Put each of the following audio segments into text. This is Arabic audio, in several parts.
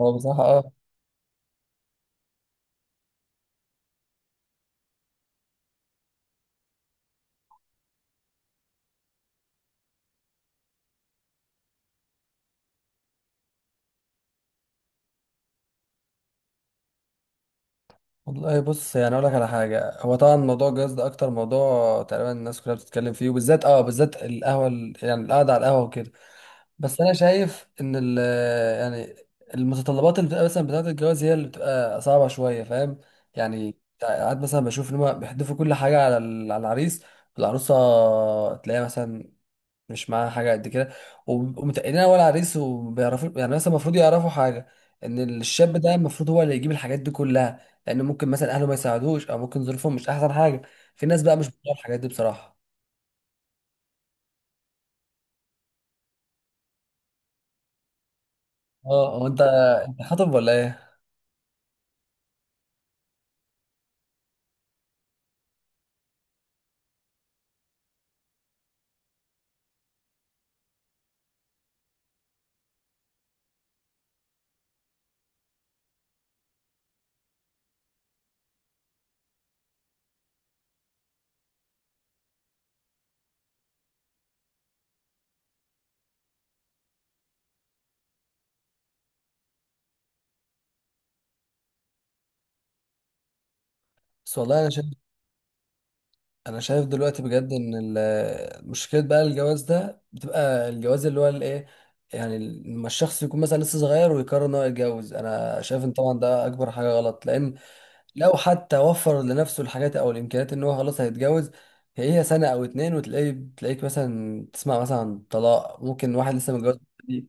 هو بصراحة والله بص، يعني اقول لك على حاجة. هو طبعا موضوع الجواز ده اكتر موضوع تقريبا الناس كلها بتتكلم فيه، وبالذات بالذات القهوة يعني القعدة على القهوة وكده. بس انا شايف ان يعني المتطلبات اللي بتبقى مثلا بتاعة الجواز هي اللي بتبقى صعبة شوية، فاهم؟ يعني ساعات مثلا بشوف ان هم بيحدفوا كل حاجة على العريس، العروسة تلاقيها مثلا مش معاها حاجه قد كده، وبيبقوا متقلين على العريس. وبيعرفوا، يعني مثلا المفروض يعرفوا حاجه، ان الشاب ده المفروض هو اللي يجيب الحاجات دي كلها، لان ممكن مثلا اهله ما يساعدوش، او ممكن ظروفهم مش احسن حاجه. في ناس بقى مش بتطلع الحاجات دي بصراحه. اه هو انت، انت خاطب ولا ايه؟ بس والله انا شايف، انا شايف دلوقتي بجد ان مشكله بقى الجواز ده بتبقى الجواز اللي هو الايه. يعني لما الشخص يكون مثلا لسه صغير ويقرر ان هو يتجوز، انا شايف ان طبعا ده اكبر حاجه غلط، لان لو حتى وفر لنفسه الحاجات او الامكانيات ان هو خلاص هيتجوز، هي سنه او اتنين وتلاقيه تلاقيك مثلا تسمع مثلا عن طلاق، ممكن واحد لسه متجوز جديد.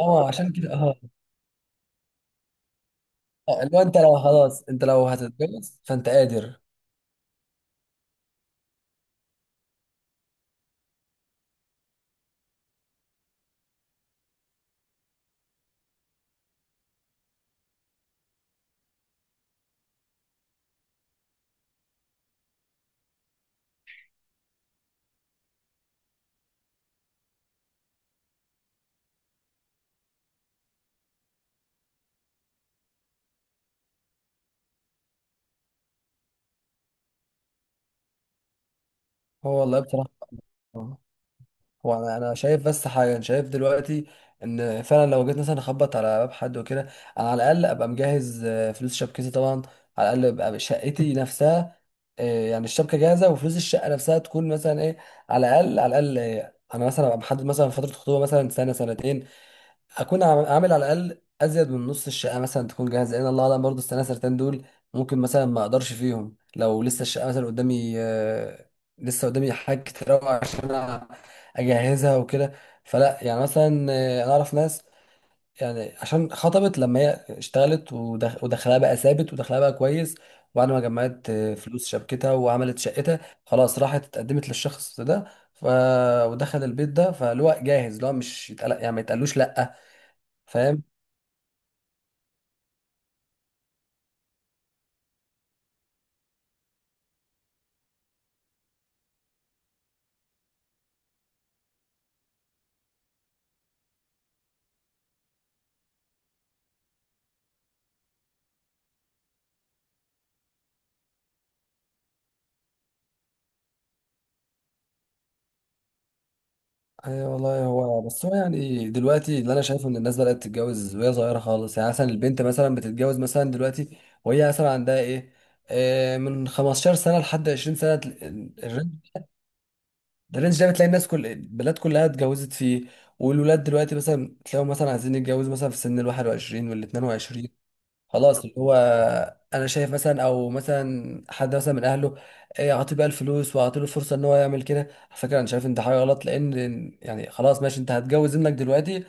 اه عشان كده اللي هو انت لو خلاص، انت لو هتتجوز، فانت قادر. هو والله بصراحه، هو انا شايف بس حاجه، انا شايف دلوقتي ان فعلا لو جيت مثلا اخبط على باب حد وكده، انا على الاقل ابقى مجهز فلوس شبكتي طبعا، على الاقل ابقى شقتي نفسها. يعني الشبكه جاهزه وفلوس الشقه نفسها تكون مثلا ايه، على الاقل انا مثلا ابقى محدد مثلا فتره خطوبه مثلا سنه سنتين، اكون عامل على الاقل ازيد من نص الشقه مثلا تكون جاهزه. لان الله اعلم، برضه استنى سرتان دول ممكن مثلا ما اقدرش فيهم، لو لسه الشقه مثلا قدامي. لسه قدامي حاجات كتير أوي عشان أنا اجهزها وكده. فلا يعني مثلا، انا اعرف ناس، يعني عشان خطبت لما هي اشتغلت ودخلها بقى ثابت ودخلها بقى كويس، وبعد ما جمعت فلوس شبكتها وعملت شقتها، خلاص راحت اتقدمت للشخص ده. ف... ودخل البيت ده، فاللي هو جاهز اللي هو مش يتقلق، يعني ما يتقلوش لا. فاهم؟ ايوه والله، هو يعني دلوقتي اللي انا شايفه ان الناس بدات تتجوز وهي صغيره خالص. يعني مثلا البنت مثلا بتتجوز مثلا دلوقتي وهي مثلا عندها ايه، آه من 15 سنه لحد 20 سنه، الرينج ده، الرينج ده بتلاقي الناس كل البلاد كلها اتجوزت فيه. والولاد دلوقتي مثلا تلاقيهم مثلا عايزين يتجوزوا مثلا في سن ال 21 وال 22. خلاص، اللي هو انا شايف مثلا، او مثلا حد مثلا من اهله، إيه، اعطيه بقى الفلوس واعطيه له فرصه ان هو يعمل كده. على فكره انا شايف ان ده حاجه غلط، لان يعني خلاص ماشي انت هتجوز ابنك دلوقتي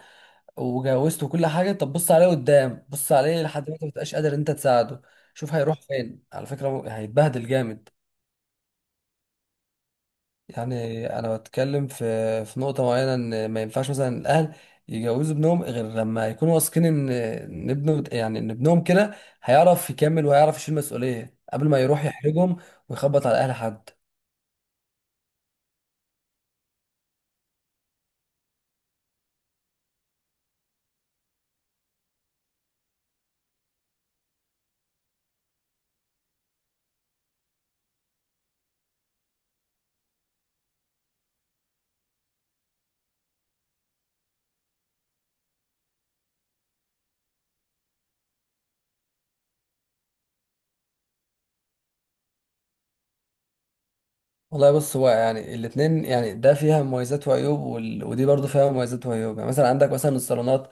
وجوزته كل حاجه، طب بص عليه قدام، بص عليه لحد ما انت ما تبقاش قادر إن انت تساعده، شوف هيروح فين. على فكره هو هيتبهدل جامد. يعني انا بتكلم في نقطه معينه، ان ما ينفعش مثلا الاهل يجوزوا ابنهم غير لما يكونوا واثقين ان ابنه، يعني ان ابنهم كده هيعرف يكمل وهيعرف يشيل مسؤوليه قبل ما يروح يحرجهم ويخبط على اهل حد. والله بص، هو يعني الاتنين، يعني ده فيها مميزات وعيوب، ودي برضو فيها مميزات وعيوب. يعني مثلا عندك مثلا الصالونات،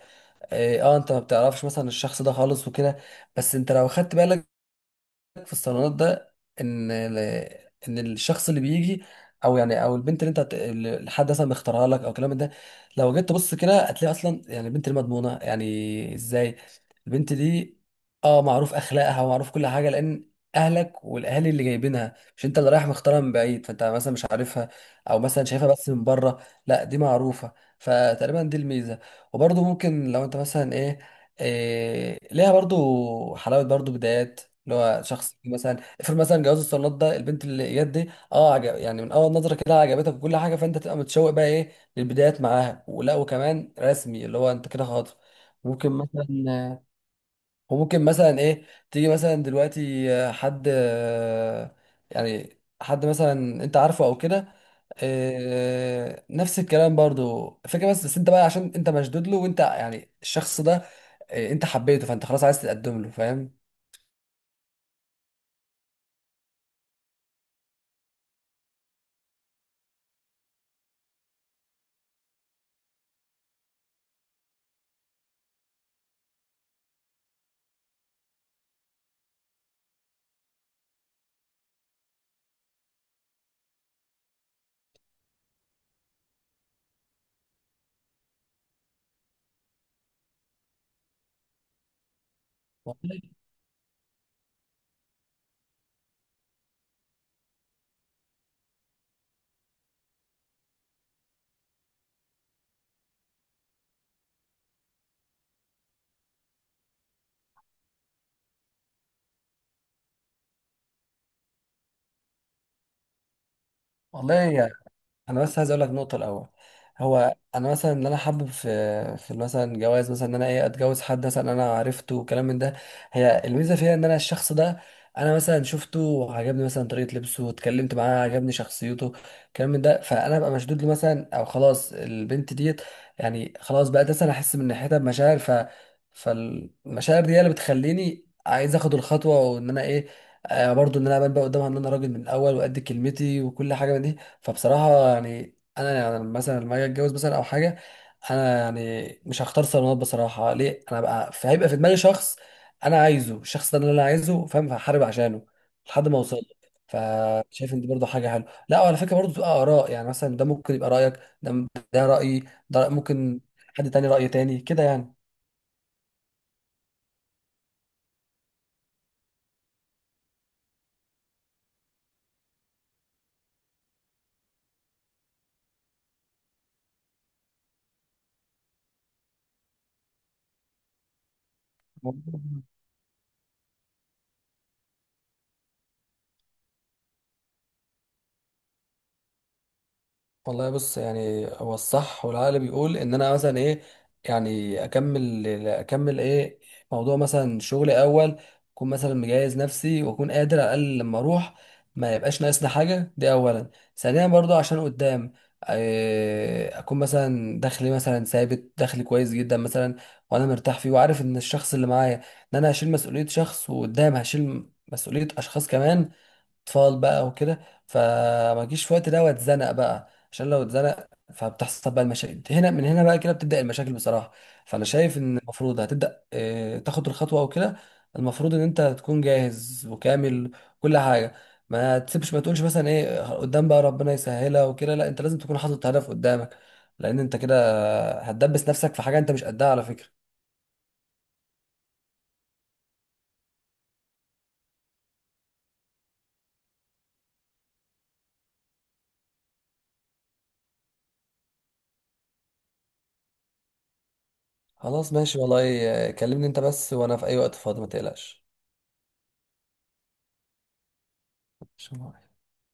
انت ما بتعرفش مثلا الشخص ده خالص وكده، بس انت لو خدت بالك في الصالونات ده، ان ال- ان الشخص اللي بيجي، او يعني او البنت اللي اللي الحد مثلا مختارها لك او كلام من ده، لو جيت تبص كده هتلاقي اصلا يعني البنت دي مضمونه. يعني ازاي؟ البنت دي اه معروف اخلاقها ومعروف كل حاجه، لان اهلك والاهالي اللي جايبينها، مش انت اللي رايح مختارها من بعيد فانت مثلا مش عارفها او مثلا شايفها بس من بره. لا، دي معروفه. فتقريبا دي الميزه. وبرضه ممكن لو انت مثلا ايه، إيه، ليها برضو حلاوه، برضو بدايات. اللي هو شخص مثلا افرض مثلا جواز الصالونات ده، البنت اللي جت دي اه عجب، يعني من اول نظره كده عجبتك وكل حاجه، فانت تبقى متشوق بقى ايه للبدايات معاها، ولا وكمان رسمي، اللي هو انت كده خاطب. ممكن مثلا، وممكن مثلا ايه، تيجي مثلا دلوقتي آه، حد آه، يعني حد مثلا انت عارفه او كده، نفس الكلام برضو فكرة، بس انت بقى عشان انت مشدود له، وانت يعني الشخص ده إيه، انت حبيته فانت خلاص عايز تقدم له. فاهم؟ والله والله انا بس عايز اقول لك نقطه الاول. هو انا مثلا ان انا حابب في مثلا جواز مثلا، ان انا ايه اتجوز حد مثلا انا عرفته وكلام من ده، هي الميزه فيها ان انا الشخص ده انا مثلا شفته وعجبني مثلا طريقه لبسه، واتكلمت معاه عجبني شخصيته، كلام من ده، فانا ببقى مشدود له مثلا. او خلاص البنت ديت يعني خلاص بقى ده، انا احس من ناحيتها بمشاعر. فالمشاعر دي هي اللي بتخليني عايز اخد الخطوه، وان انا ايه، آه برضو ان انا ابان بقى قدامها ان انا راجل من الاول، وقد كلمتي وكل حاجه من دي. فبصراحة يعني أنا يعني مثلا لما أجي أتجوز مثلا أو حاجة، أنا يعني مش هختار صالونات بصراحة. ليه؟ أنا بقى هيبقى في دماغي شخص أنا عايزه، الشخص ده اللي أنا عايزه، فاهم؟ فهحارب عشانه لحد ما أوصل له. فشايف إن دي برضه حاجة حلوة. لا، وعلى فكرة برضه بتبقى آراء، يعني مثلا ده ممكن يبقى رأيك. ده ده رأيي، ده ممكن حد تاني رأي تاني كده. يعني والله بص، يعني هو الصح والعقل بيقول ان انا مثلا ايه، يعني اكمل ايه، موضوع مثلا شغلي اول، اكون مثلا مجهز نفسي واكون قادر على الاقل لما اروح، ما يبقاش ناقصنا حاجه. دي اولا. ثانيا برضو عشان قدام، إيه، اكون مثلا دخلي مثلا ثابت، دخلي كويس جدا مثلا وانا مرتاح فيه، وعارف ان الشخص اللي معايا، ان انا هشيل مسؤوليه شخص، وقدام هشيل مسؤوليه اشخاص كمان، اطفال بقى وكده. فما اجيش في وقت ده واتزنق بقى، عشان لو اتزنق فبتحصل بقى المشاكل. من هنا بقى كده بتبدأ المشاكل بصراحة. فانا شايف ان المفروض هتبدأ تاخد الخطوة او كده، المفروض ان انت تكون جاهز وكامل كل حاجة. ما تسيبش، ما تقولش مثلا ايه قدام بقى ربنا يسهلها وكده، لا انت لازم تكون حاطط هدف قدامك، لان انت كده هتدبس نفسك في حاجة انت مش قدها، على فكرة. خلاص ماشي والله، كلمني انت بس وانا في اي وقت فاضي، ما تقلقش. شو رأيك؟